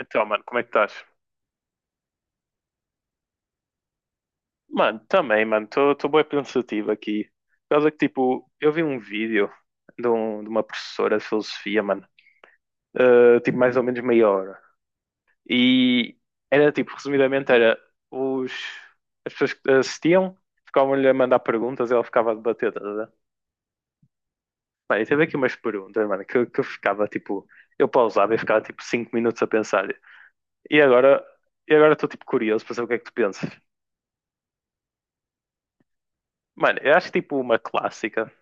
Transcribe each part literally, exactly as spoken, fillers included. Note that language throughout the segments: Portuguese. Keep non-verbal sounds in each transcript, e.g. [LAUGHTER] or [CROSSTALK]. Então, mano, como é que estás? Mano, também, mano, estou bem pensativo aqui. Por causa que, tipo, eu vi um vídeo de, um- de uma professora de filosofia, mano, eh, tipo, mais ou menos meia hora. E era, tipo, resumidamente, era os... as pessoas que assistiam ficavam-lhe a mandar perguntas e ela ficava a debater, tá, a ver? Mano, e teve aqui umas perguntas, mano, que, eu- que eu ficava, tipo, eu pausava e ficava, tipo, cinco minutos a pensar. E agora, e agora estou, tipo, curioso para saber o que é que tu pensas. Mano, eu acho, tipo, uma clássica.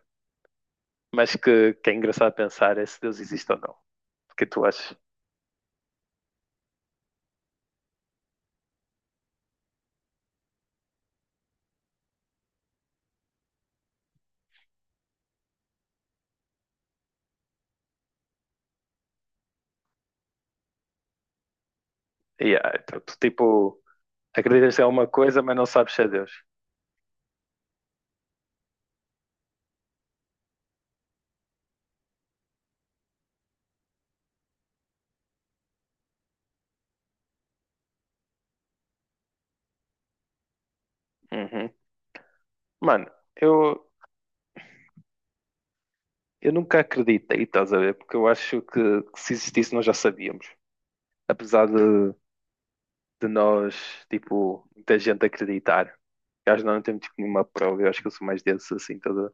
Mas que, que é engraçado pensar é se Deus existe ou não. O que tu achas? Yeah, tu, tu, tipo, acreditas em alguma coisa, mas não sabes se é Deus. Uhum. Mano, eu, eu nunca acreditei, estás a ver? Porque eu acho que, que se existisse nós já sabíamos. Apesar de, de nós, tipo, muita gente acreditar. Eu acho que nós não temos tipo, nenhuma prova, eu acho que eu sou mais desses assim, toda.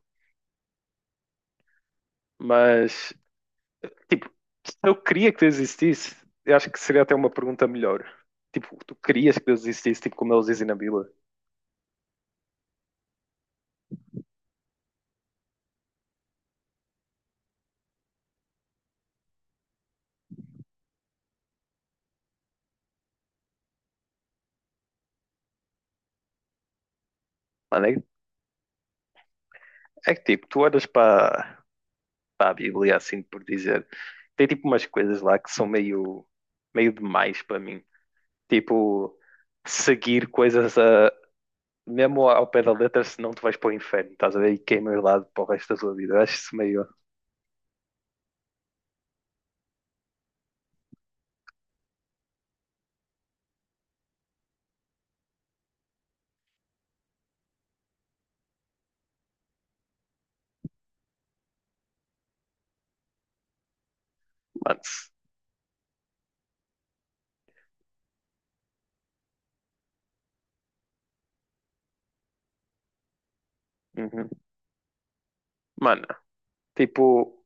Mas, tipo, se eu queria que Deus existisse, eu acho que seria até uma pergunta melhor. Tipo, tu querias que Deus existisse, tipo, como eles dizem na Bíblia? Mano, é, é que tipo, tu olhas para para a Bíblia, assim por dizer, tem tipo umas coisas lá que são meio, meio demais para mim. Tipo, seguir coisas a, mesmo ao pé da letra, senão tu vais para o inferno, estás a ver? E queimas lado para o resto da tua vida. Eu acho isso meio. Mano, se- Uhum. Mano, tipo,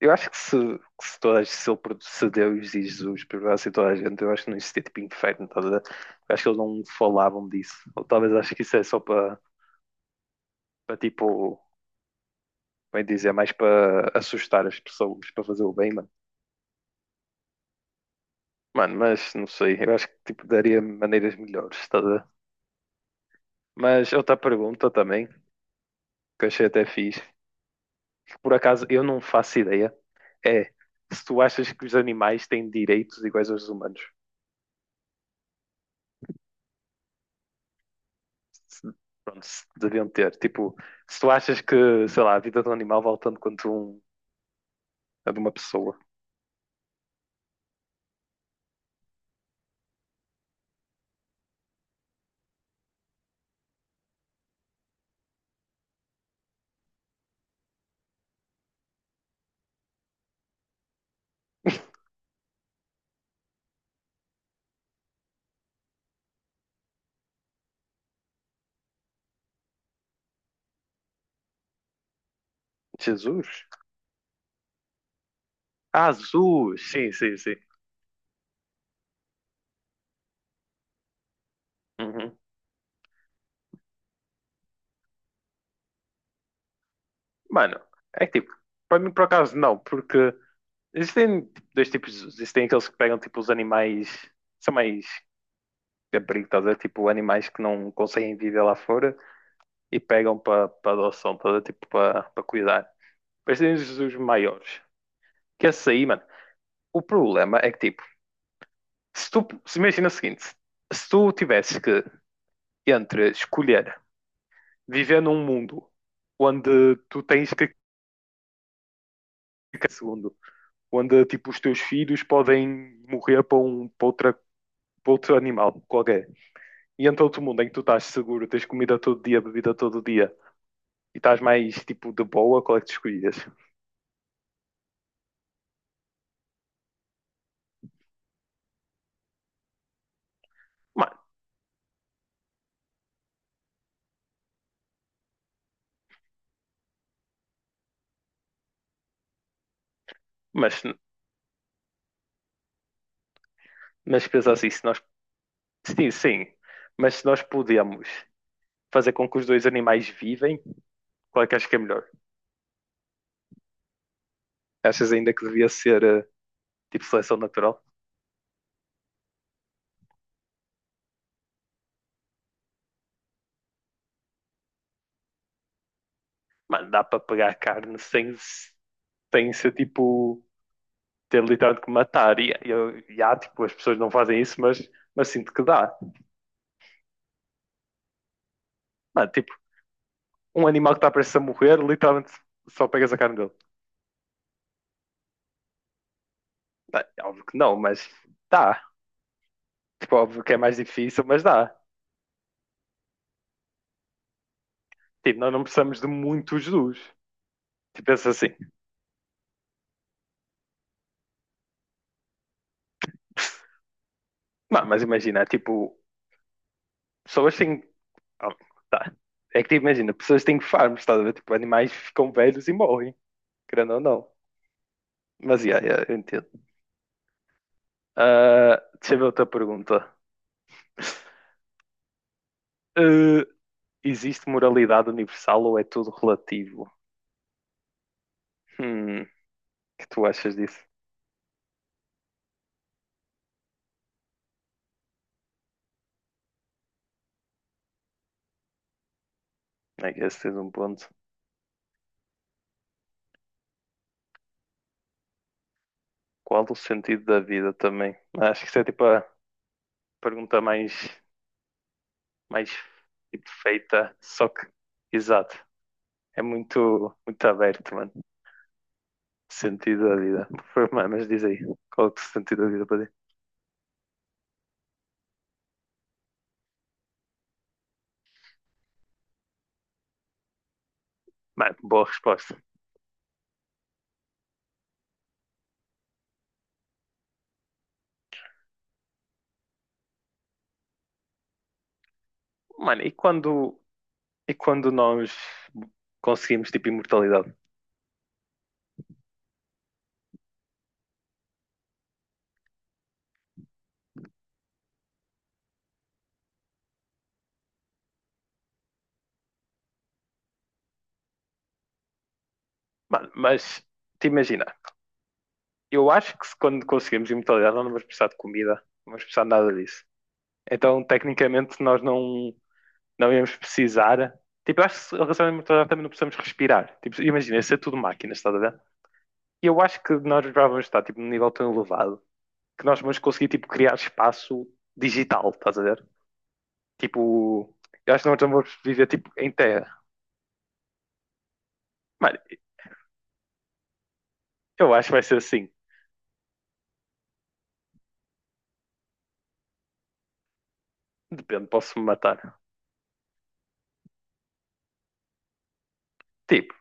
eu acho que se, que se, toda, se, ele, produ- se Deus e Jesus perdoassem toda a gente, eu acho que não existia tipo inferno, estás a ver? Eu acho que eles não falavam disso. Ou talvez acho que isso é só para, para tipo. Bem dizer, é mais para assustar as pessoas, para fazer o bem, mano. Mano, mas não sei, eu acho que tipo, daria maneiras melhores, estás a ver? Mas outra pergunta também, que eu achei até fixe, que por acaso eu não faço ideia, é se tu achas que os animais têm direitos iguais aos humanos. Se- Pronto, se deviam ter. Tipo, se tu achas que, sei lá, a vida de um animal vale tanto quanto um, a de uma pessoa. [LAUGHS] Jesus? Ah, Jesus! Sim, sim, sim. Uhum. Mano, é que tipo, para mim por acaso não, porque existem tipo, dois tipos. Existem aqueles que pegam tipo os animais. São mais de abrigo, estás a ver? Tipo animais que não conseguem viver lá fora e pegam para adoção, estás a ver? Tipo para cuidar. Mas tem os os maiores. Que esse aí, mano. O problema é que tipo. Se tu. Se imagina o seguinte. Se tu tivesses que. Entre escolher viver num mundo onde tu tens que ficar segundo, onde tipo os teus filhos podem morrer para um para outra, para outro animal qualquer. E entra outro mundo em que tu estás seguro, tens comida todo dia, bebida todo dia e estás mais tipo de boa, qual é que tu escolhias? Ma- Mas, mas pensa assim, se nós. Sim, sim. Mas se nós podemos fazer com que os dois animais vivem, qual é que achas que é melhor? Achas ainda que devia ser eh, tipo seleção natural? Mano, dá para pegar carne sem, sem ser tipo. Ter literalmente que matar. E, e, eu- e há, tipo, as pessoas não fazem isso, mas, mas sinto que dá. Mano, tipo, um animal que está prestes a morrer, literalmente só pegas a carne dele. Bem, óbvio que não, mas dá. Tipo, óbvio que é mais difícil, mas dá. Tipo, nós não precisamos de muitos dos. Tipo, pensa assim. [LAUGHS] Não, mas imagina, tipo, pessoas têm. Oh, tá. É que tipo, imagina, pessoas têm farms, estás a ver? Tipo, animais ficam velhos e morrem, querendo ou não. Mas yeah, yeah, eu entendo. Ah, deixa eu ver outra pergunta. [LAUGHS] Ah, existe moralidade universal ou é tudo relativo? Hum, o que tu achas disso? É que esse é um ponto. Qual o sentido da vida também? Acho que isso é tipo a pergunta mais, mais tipo, feita, só que, exato, é muito, muito aberto, mano. Sentido da vida. Mas mas diz aí, qual é o sentido da vida para ti? Mano, boa resposta. Mano, e quando E quando nós conseguimos, tipo, imortalidade? Mano, mas te imagina, eu acho que se quando conseguimos imortalidade não vamos precisar de comida, não vamos precisar de nada disso. Então, tecnicamente, nós não não íamos precisar. Tipo, eu acho que se relacionamento mental também não precisamos respirar. Tipo, imagina, isso é tudo máquinas, estás a ver? E eu acho que nós já vamos estar, tipo, num nível tão elevado que nós vamos conseguir, tipo, criar espaço digital, estás a ver? Tipo, eu acho que nós vamos viver, tipo, em terra. Mano, eu acho que vai ser assim. Depende, posso-me matar. Tipo,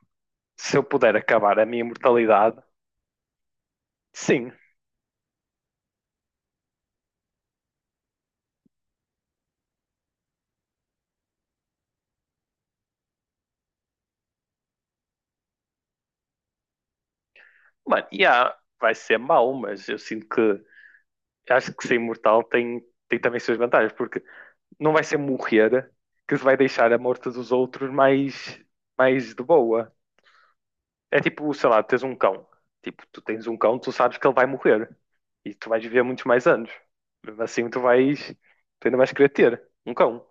se eu puder acabar a minha imortalidade, sim. Mano, e yeah, vai ser mau, mas eu sinto que... Acho que ser imortal tem, tem também suas vantagens, porque não vai ser morrer que se vai deixar a morte dos outros mais, mais de boa. É tipo, sei lá, tens um cão. Tipo, tu tens um cão, tu sabes que ele vai morrer. E tu vais viver muitos mais anos. Mesmo assim, tu vais. Tu ainda vais querer ter um cão.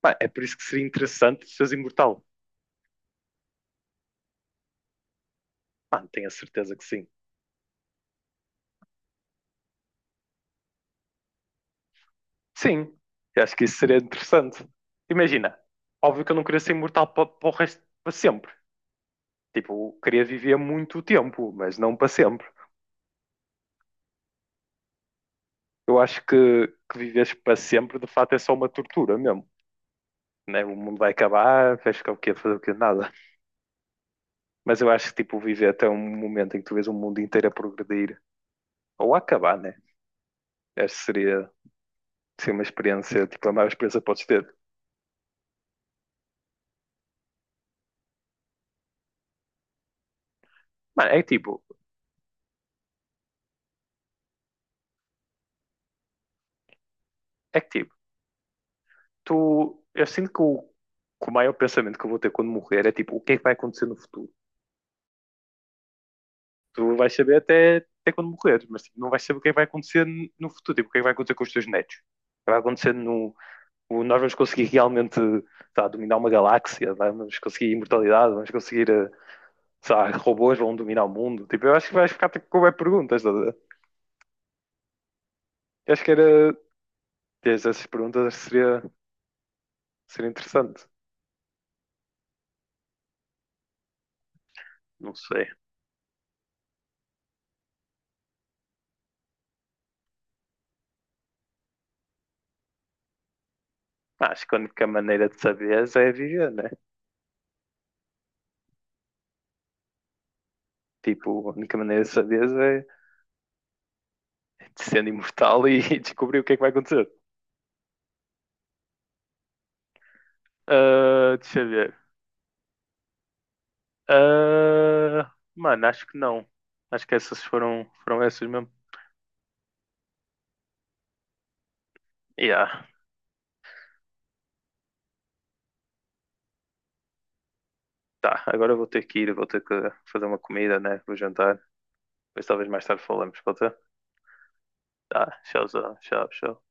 Pá, é por isso que seria interessante seres imortal. Mano, tenho a certeza que sim. Sim, eu acho que isso seria interessante. Imagina, óbvio que eu não queria ser imortal para o resto, para sempre. Tipo, eu queria viver muito tempo, mas não para sempre. Eu acho que, que viveres para sempre, de fato, é só uma tortura mesmo. Né? O mundo vai acabar, vais ficar o quê? Fazer o quê? Nada. Mas eu acho que tipo, viver até um momento em que tu vês o mundo inteiro a progredir ou a acabar, né? Essa seria, seria uma experiência, tipo, a maior experiência que podes ter. Mano, é que tipo, é que tipo, tu, eu sinto que o, que o, maior pensamento que eu vou ter quando morrer é tipo, o que é que vai acontecer no futuro? Tu vais saber até, até quando morrer, mas tipo, não vais saber o que é que vai acontecer no futuro, tipo, o que é que vai acontecer com os teus netos, o que vai acontecer no, nós vamos conseguir realmente tá, dominar uma galáxia, tá? Vamos conseguir imortalidade, vamos conseguir, eh, robôs vão dominar o mundo. Tipo, eu acho que vais ficar tipo, com web perguntas, estás a ver? Eu acho que era. Essas perguntas seria, seria interessante. Não sei. Acho que a única maneira de saberes é viver, né? Tipo, a única maneira de saberes é de sendo imortal e, [LAUGHS] descobrir o que é que vai acontecer. Ah, deixa eu ver. Ah, mano, acho que não. Acho que essas foram, foram essas mesmo. Yeah. Tá, agora eu vou ter que ir, vou ter que fazer uma comida, né? Vou jantar. Depois talvez mais tarde falamos, pode ser? Tá, tchau, tchau, tchau.